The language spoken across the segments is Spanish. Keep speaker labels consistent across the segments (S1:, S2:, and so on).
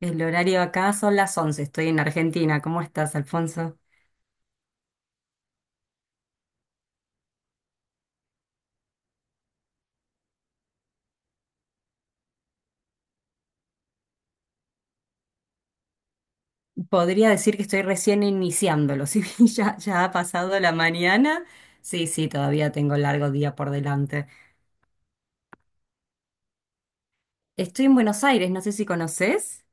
S1: El horario acá son las 11. Estoy en Argentina. ¿Cómo estás, Alfonso? Podría decir que estoy recién iniciándolo, si bien ya ha pasado la mañana. Sí, todavía tengo largo día por delante. Estoy en Buenos Aires, no sé si conoces.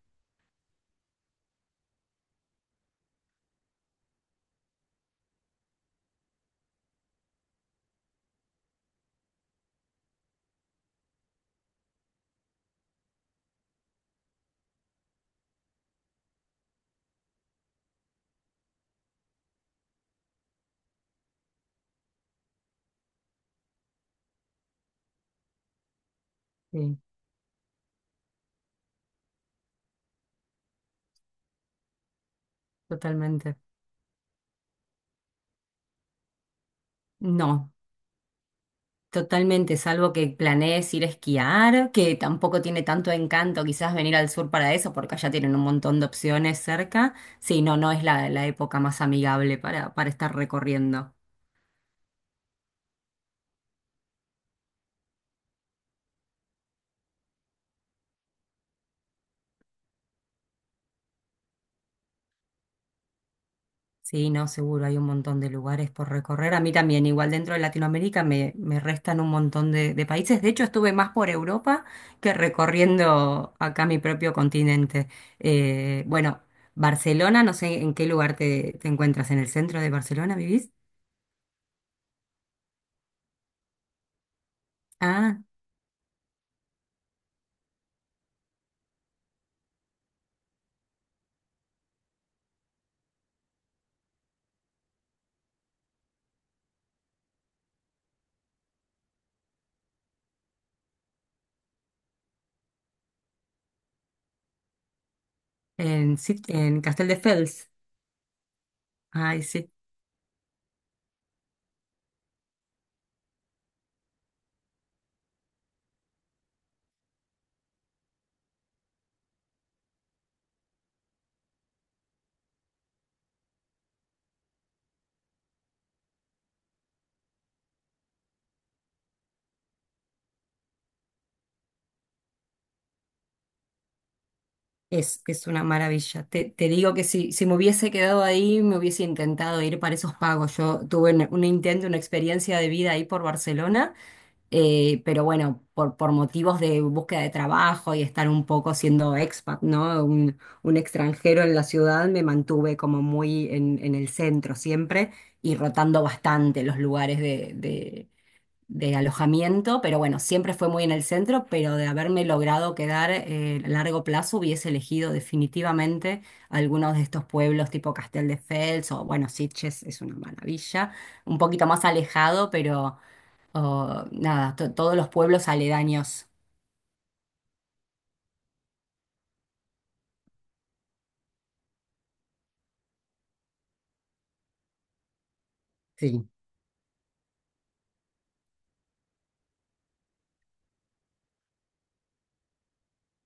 S1: Sí, totalmente. No, totalmente, salvo que planees ir a esquiar, que tampoco tiene tanto encanto quizás venir al sur para eso, porque allá tienen un montón de opciones cerca. Sí, no, no es la época más amigable para estar recorriendo. Sí, no, seguro, hay un montón de lugares por recorrer. A mí también, igual dentro de Latinoamérica me restan un montón de países. De hecho, estuve más por Europa que recorriendo acá mi propio continente. Bueno, Barcelona, no sé en qué lugar te encuentras, ¿en el centro de Barcelona vivís? Ah, en, en Castelldefels. Ay, sí, es una maravilla. Te digo que si me hubiese quedado ahí, me hubiese intentado ir para esos pagos. Yo tuve un intento, una experiencia de vida ahí por Barcelona. Pero bueno, por motivos de búsqueda de trabajo y estar un poco siendo expat, ¿no? Un extranjero en la ciudad, me mantuve como muy en el centro siempre y rotando bastante los lugares de de alojamiento, pero bueno, siempre fue muy en el centro, pero de haberme logrado quedar a largo plazo, hubiese elegido definitivamente algunos de estos pueblos tipo Castelldefels o bueno, Sitges es una maravilla, un poquito más alejado, pero o nada, todos los pueblos aledaños. Sí.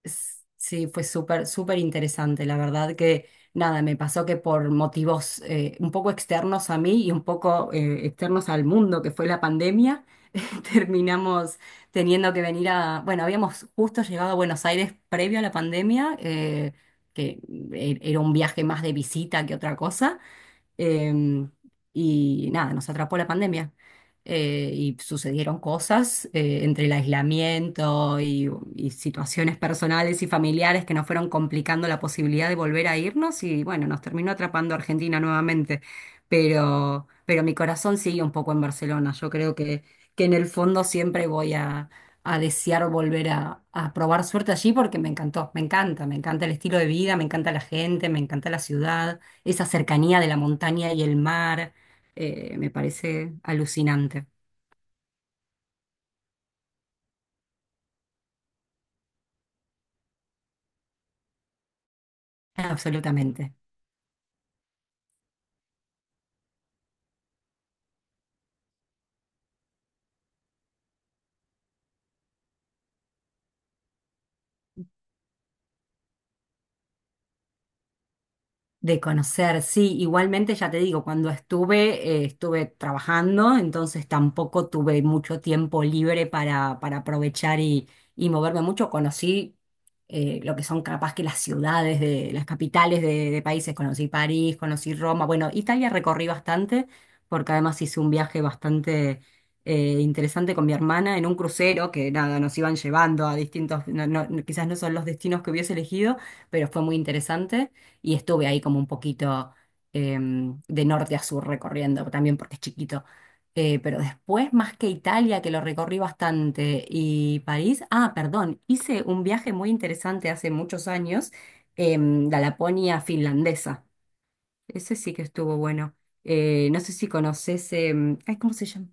S1: Sí, fue súper, súper interesante. La verdad que nada, me pasó que por motivos un poco externos a mí y un poco externos al mundo, que fue la pandemia, terminamos teniendo que venir a, bueno, habíamos justo llegado a Buenos Aires previo a la pandemia, que era un viaje más de visita que otra cosa. Em, y nada, nos atrapó la pandemia. Y sucedieron cosas entre el aislamiento y situaciones personales y familiares que nos fueron complicando la posibilidad de volver a irnos y bueno, nos terminó atrapando Argentina nuevamente. Pero mi corazón sigue un poco en Barcelona. Yo creo que en el fondo siempre voy a desear volver a probar suerte allí porque me encantó, me encanta el estilo de vida, me encanta la gente, me encanta la ciudad, esa cercanía de la montaña y el mar, me parece alucinante, absolutamente. De conocer, sí, igualmente ya te digo, cuando estuve, estuve trabajando, entonces tampoco tuve mucho tiempo libre para aprovechar y moverme mucho. Conocí lo que son capaz que las ciudades de las capitales de países, conocí París, conocí Roma, bueno, Italia recorrí bastante, porque además hice un viaje bastante interesante con mi hermana en un crucero que nada, nos iban llevando a distintos, quizás no son los destinos que hubiese elegido, pero fue muy interesante y estuve ahí como un poquito de norte a sur recorriendo, también porque es chiquito. Pero después, más que Italia, que lo recorrí bastante, y París, ah, perdón, hice un viaje muy interesante hace muchos años, la Laponia finlandesa. Ese sí que estuvo bueno. No sé si conoces, ay, ¿cómo se llama?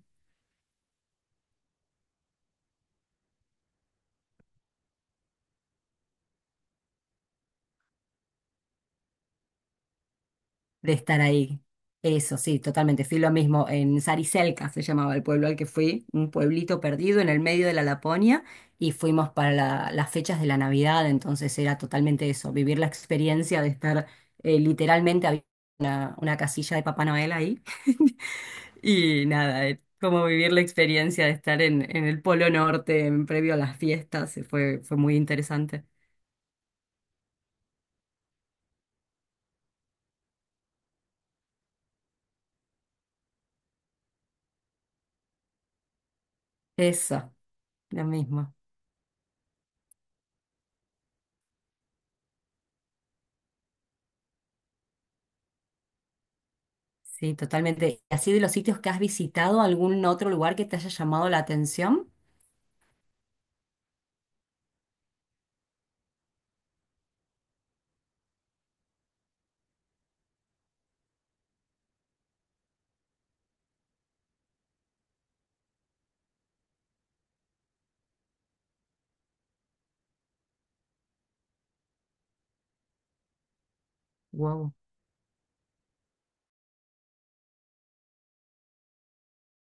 S1: De estar ahí. Eso, sí, totalmente. Fui lo mismo en Sariselka, se llamaba el pueblo al que fui, un pueblito perdido en el medio de la Laponia, y fuimos para las fechas de la Navidad, entonces era totalmente eso, vivir la experiencia de estar, literalmente había una casilla de Papá Noel ahí, y nada, como vivir la experiencia de estar en el Polo Norte en previo a las fiestas, fue, fue muy interesante. Eso, lo mismo. Sí, totalmente. ¿Así de los sitios que has visitado, algún otro lugar que te haya llamado la atención? Wow,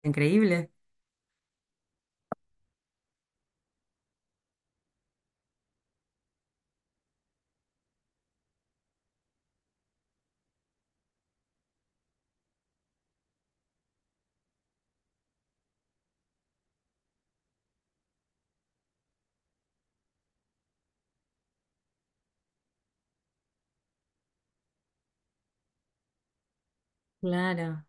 S1: increíble. Claro.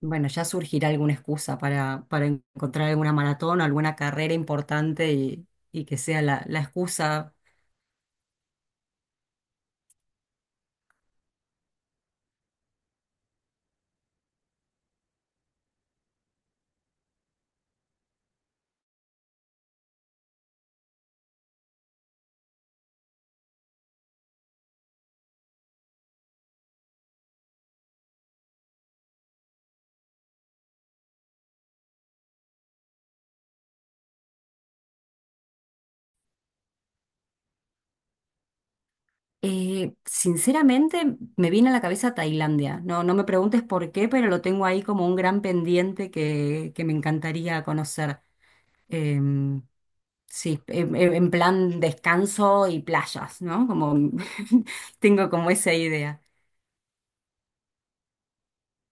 S1: Bueno, ya surgirá alguna excusa para encontrar alguna maratón o alguna carrera importante y que sea la, la excusa. Sinceramente, me viene a la cabeza Tailandia. No, no me preguntes por qué, pero lo tengo ahí como un gran pendiente que me encantaría conocer. Em, Sí, en en plan descanso y playas, ¿no? Como tengo como esa idea.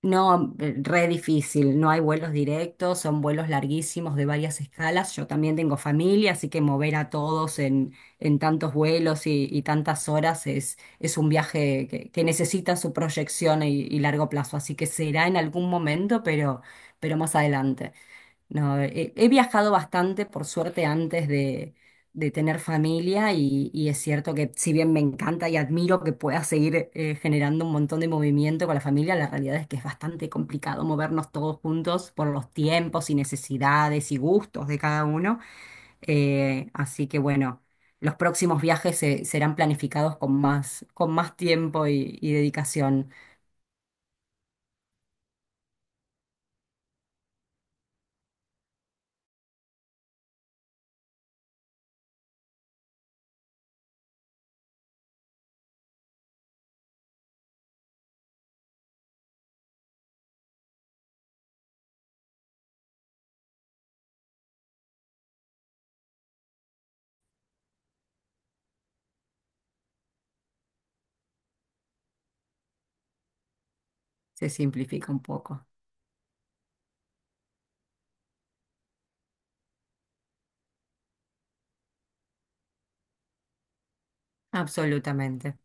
S1: No, re difícil, no hay vuelos directos, son vuelos larguísimos de varias escalas. Yo también tengo familia, así que mover a todos en tantos vuelos y tantas horas es un viaje que necesita su proyección y largo plazo, así que será en algún momento, pero más adelante. No, a ver, he, he viajado bastante, por suerte, antes de tener familia y es cierto que si bien me encanta y admiro que pueda seguir generando un montón de movimiento con la familia, la realidad es que es bastante complicado movernos todos juntos por los tiempos y necesidades y gustos de cada uno. Así que bueno, los próximos viajes serán planificados con más tiempo y dedicación. Se simplifica un poco. Absolutamente.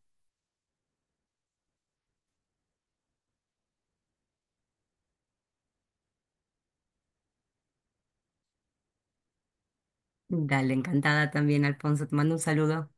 S1: Dale, encantada también, Alfonso. Te mando un saludo.